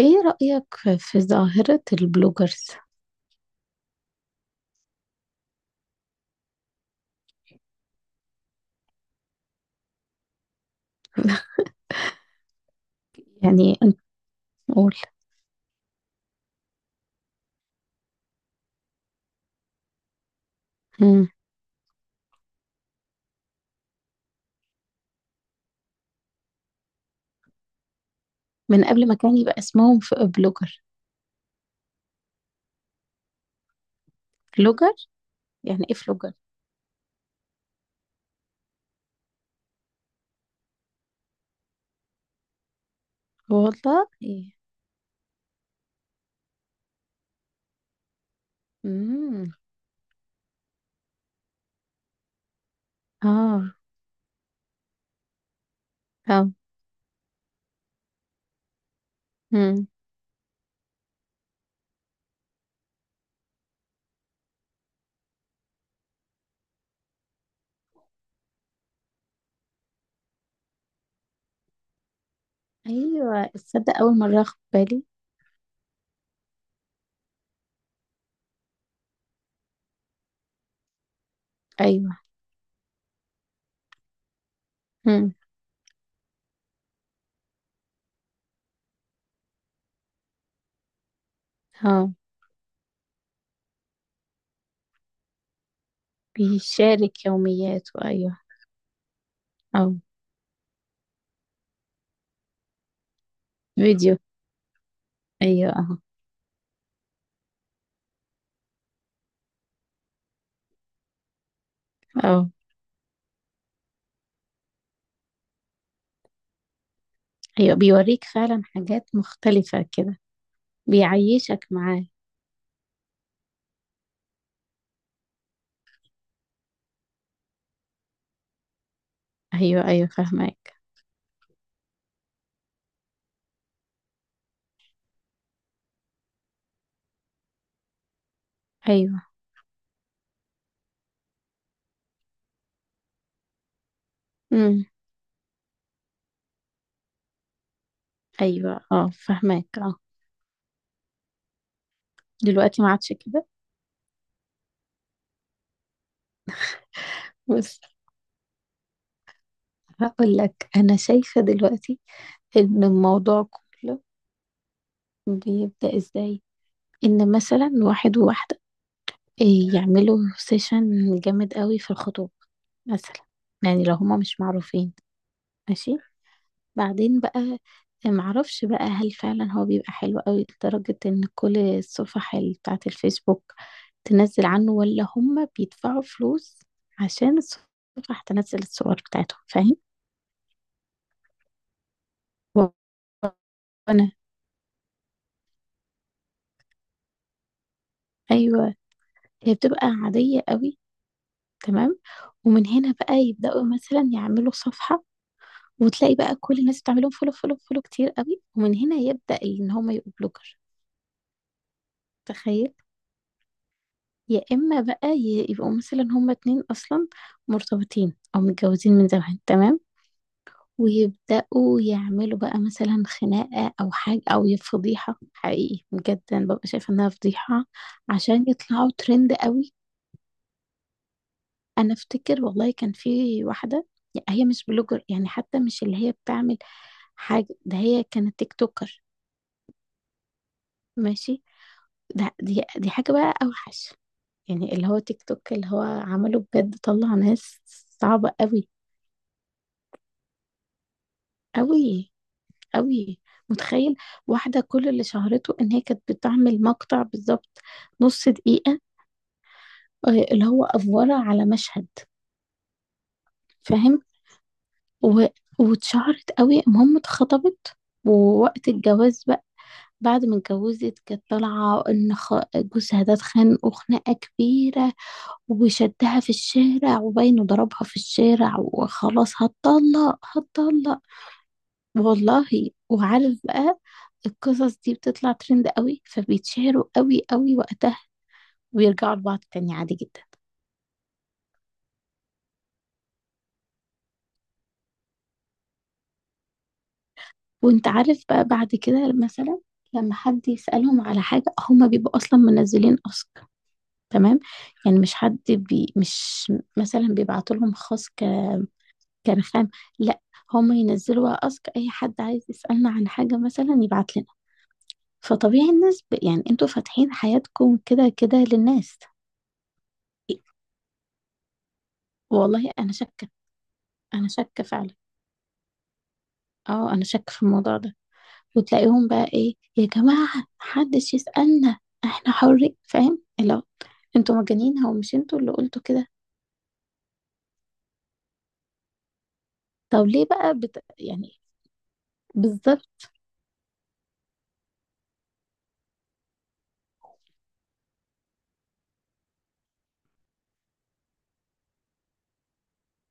ايه رأيك في ظاهرة البلوجرز؟ يعني انت قول. مم. من قبل ما كان يبقى اسمهم بلوجر. بلوجر يعني ايه بلوجر؟ والله ايه. امم. اه اه. مم. ايوه، تصدق اول مرة اخد بالي. ايوه. مم. اه، بيشارك يومياته، ايوه. اه، فيديو، ايوه، اه اه. ايوه، بيوريك فعلا حاجات مختلفة كده، بيعيشك معاه. ايوه ايوه، فاهمك. ايوه. امم. ايوه، اه، فاهمك. دلوقتي ما عادش كده. بس هقول لك انا شايفه دلوقتي ان الموضوع كله بيبدا ازاي. ان مثلا واحد وواحده، يعملوا سيشن جامد قوي في الخطوبه مثلا. يعني لو هما مش معروفين، ماشي. بعدين بقى، معرفش بقى هل فعلا هو بيبقى حلو قوي لدرجة ان كل الصفح بتاعة الفيسبوك تنزل عنه، ولا هما بيدفعوا فلوس عشان الصفح تنزل الصور بتاعتهم. فاهم. انا ايوه، هي بتبقى عاديه قوي، تمام. ومن هنا بقى يبداوا مثلا يعملوا صفحه، وتلاقي بقى كل الناس بتعملهم فولو فولو فولو كتير قوي، ومن هنا يبدا ان هم يبقوا بلوجر. تخيل. يا اما بقى يبقوا مثلا هما اتنين اصلا مرتبطين او متجوزين من زمان، تمام. ويبداوا يعملوا بقى مثلا خناقه او حاجه او فضيحه. حقيقي بجد انا ببقى شايفه انها فضيحه عشان يطلعوا ترند قوي. انا افتكر والله كان في واحده، هي مش بلوجر يعني، حتى مش اللي هي بتعمل حاجه، ده هي كانت تيك توكر. ماشي، ده دي دي حاجه بقى اوحش، يعني اللي هو تيك توك اللي هو عمله بجد طلع ناس صعبه قوي. قوي. قوي. متخيل، واحده كل اللي شهرته ان هي كانت بتعمل مقطع بالظبط نص دقيقه، اللي هو افوره على مشهد. فاهم. و... واتشهرت قوي، المهم اتخطبت. ووقت الجواز بقى، بعد ما اتجوزت كانت طالعة إن جوزها ده اتخانقوا خناقة كبيرة وشدها في الشارع، وباينه ضربها في الشارع، وخلاص هتطلق هتطلق. والله. وعارف بقى القصص دي بتطلع ترند قوي، فبيتشهروا قوي قوي وقتها، ويرجعوا لبعض تاني عادي جدا. وانت عارف بقى بعد كده مثلا لما حد يسألهم على حاجة هما بيبقوا أصلا منزلين أسك، تمام. يعني مش حد مش مثلا بيبعتوا لهم خاص ك كان خام. لا، هم ينزلوا بقى أسك، أي حد عايز يسألنا عن حاجة مثلا يبعت لنا. فطبيعي الناس ب... يعني انتوا فاتحين حياتكم كده كده للناس. إيه، والله أنا شاكة. أنا شاكة فعلا. اه، أنا شاكة في الموضوع ده. وتلاقيهم بقى إيه، يا جماعة محدش يسألنا احنا حرين، فاهم؟ لو انتوا مجانين، هو مش انتوا اللي قلتوا كده؟ طب ليه بقى بت... يعني. بالظبط.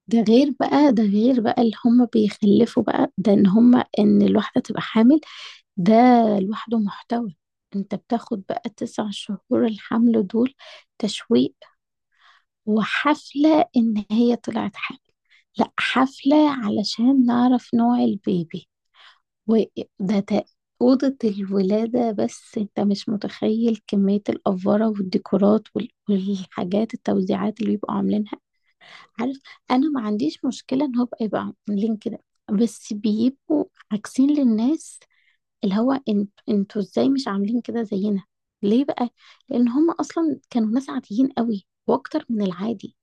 ده غير بقى، ده غير بقى اللي هم بيخلفوا بقى، ده ان هم ان الواحدة تبقى حامل ده لوحده محتوى. انت بتاخد بقى تسع شهور الحمل دول تشويق، وحفلة ان هي طلعت حامل، لا حفلة علشان نعرف نوع البيبي، وده تا- أوضة الولادة. بس انت مش متخيل كمية الأفورة والديكورات وال- والحاجات التوزيعات اللي بيبقوا عاملينها. عارف، أنا ما عنديش مشكلة إن هو يبقى عاملين كده، بس بيبقوا عاكسين للناس اللي هو انت انتوا ازاي مش عاملين كده زينا؟ ليه بقى؟ لان هم اصلا كانوا ناس عاديين قوي، واكتر من العادي.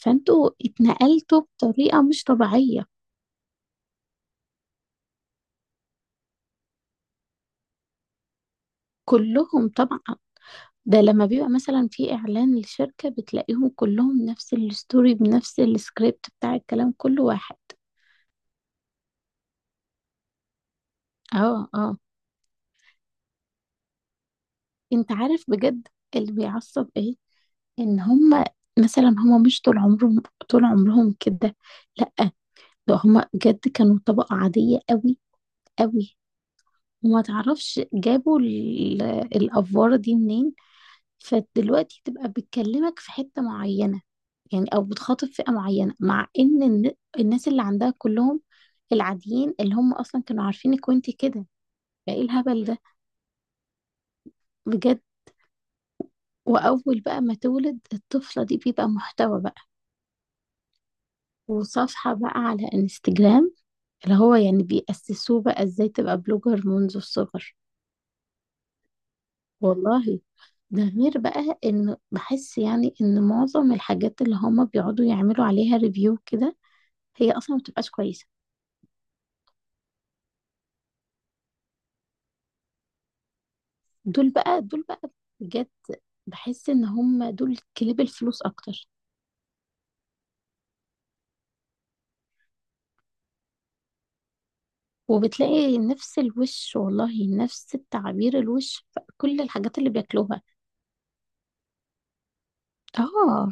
فانتوا اتنقلتوا بطريقه مش طبيعيه. كلهم طبعا. ده لما بيبقى مثلا في اعلان لشركه بتلاقيهم كلهم نفس الستوري بنفس السكريبت بتاع الكلام، كل واحد. اه اه. انت عارف بجد اللي بيعصب ايه؟ ان هم مثلا هم مش طول عمرهم طول عمرهم كده، لا، ده هم بجد كانوا طبقه عاديه قوي. قوي. وما تعرفش جابوا الأفوارة دي منين. فدلوقتي تبقى بتكلمك في حتة معينة يعني، أو بتخاطب فئة معينة، مع إن الناس اللي عندها كلهم العاديين اللي هم أصلا كانوا عارفينك وانت كده. فإيه الهبل ده بجد. وأول بقى ما تولد الطفلة دي بيبقى محتوى بقى، وصفحة بقى على انستجرام اللي هو يعني بيأسسوه بقى ازاي تبقى بلوجر منذ الصغر. والله. ده غير بقى ان بحس يعني ان معظم الحاجات اللي هما بيقعدوا يعملوا عليها ريفيو كده هي اصلا ما بتبقاش كويسه. دول بقى دول بقى بجد بحس ان هما دول كلاب الفلوس اكتر. وبتلاقي نفس الوش والله، نفس التعابير الوش في كل الحاجات اللي بياكلوها. اه.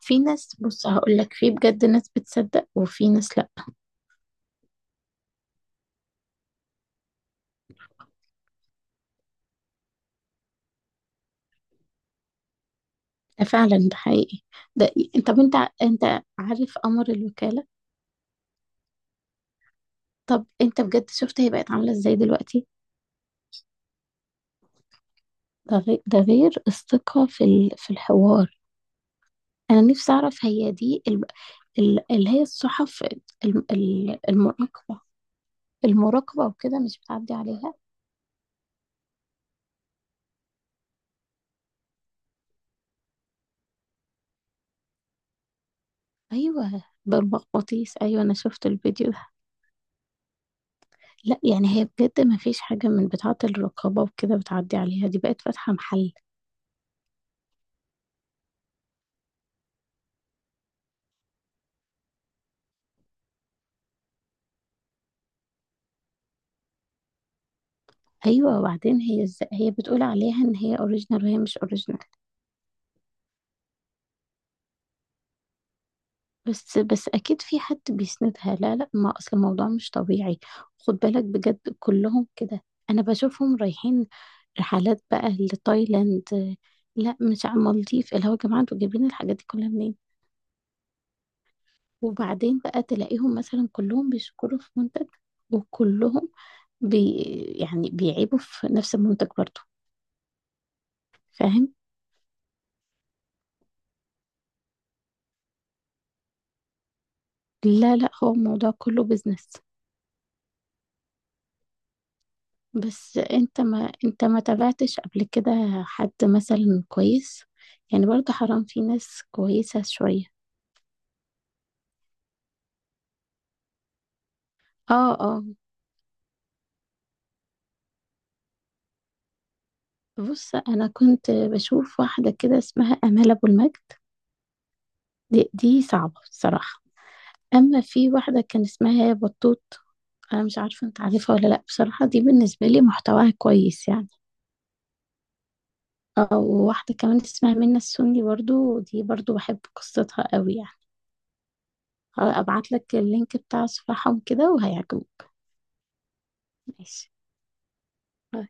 في ناس، بص هقول لك، في بجد ناس بتصدق وفي ناس لا. ده فعلا ده حقيقي ده. طب انت، انت عارف امر الوكاله. طب انت بجد شفت هي بقت عاملة ازاي دلوقتي؟ ده غير الثقة في ال... في الحوار. انا نفسي اعرف هي دي ال... ال... اللي هي الصحف، المراقبة. المراقبة وكده مش بتعدي عليها. ايوه، بالمغناطيس، ايوه انا شفت الفيديو ده. لا يعني هي بجد ما فيش حاجة من بتاعة الرقابة وكده بتعدي عليها، دي بقت فاتحة محل. ايوه، وبعدين هي ازاي هي بتقول عليها ان هي اوريجينال وهي مش اوريجينال؟ بس بس اكيد في حد بيسندها. لا لا، ما اصل الموضوع مش طبيعي. خد بالك بجد كلهم كده، انا بشوفهم رايحين رحلات بقى لتايلاند، لا مش على المالديف، اللي هو يا جماعه انتوا جايبين الحاجات دي كلها منين؟ وبعدين بقى تلاقيهم مثلا كلهم بيشكروا في منتج، وكلهم بي يعني بيعيبوا في نفس المنتج برضه. فاهم. لا لا، هو الموضوع كله بيزنس. بس انت، ما انت ما تابعتش قبل كده حد مثلا كويس؟ يعني برضه حرام، في ناس كويسة شوية. اه اه. بص، انا كنت بشوف واحدة كده اسمها امال ابو المجد، دي صعبة بصراحة. اما في واحدة كان اسمها بطوط، انا مش عارفة انت عارفها ولا لا، بصراحة دي بالنسبة لي محتواها كويس يعني. اه، وواحدة كمان اسمها منى السني، برضو دي برضو بحب قصتها قوي يعني. ابعت لك اللينك بتاع صفحهم كده وهيعجبك. ماشي. آه،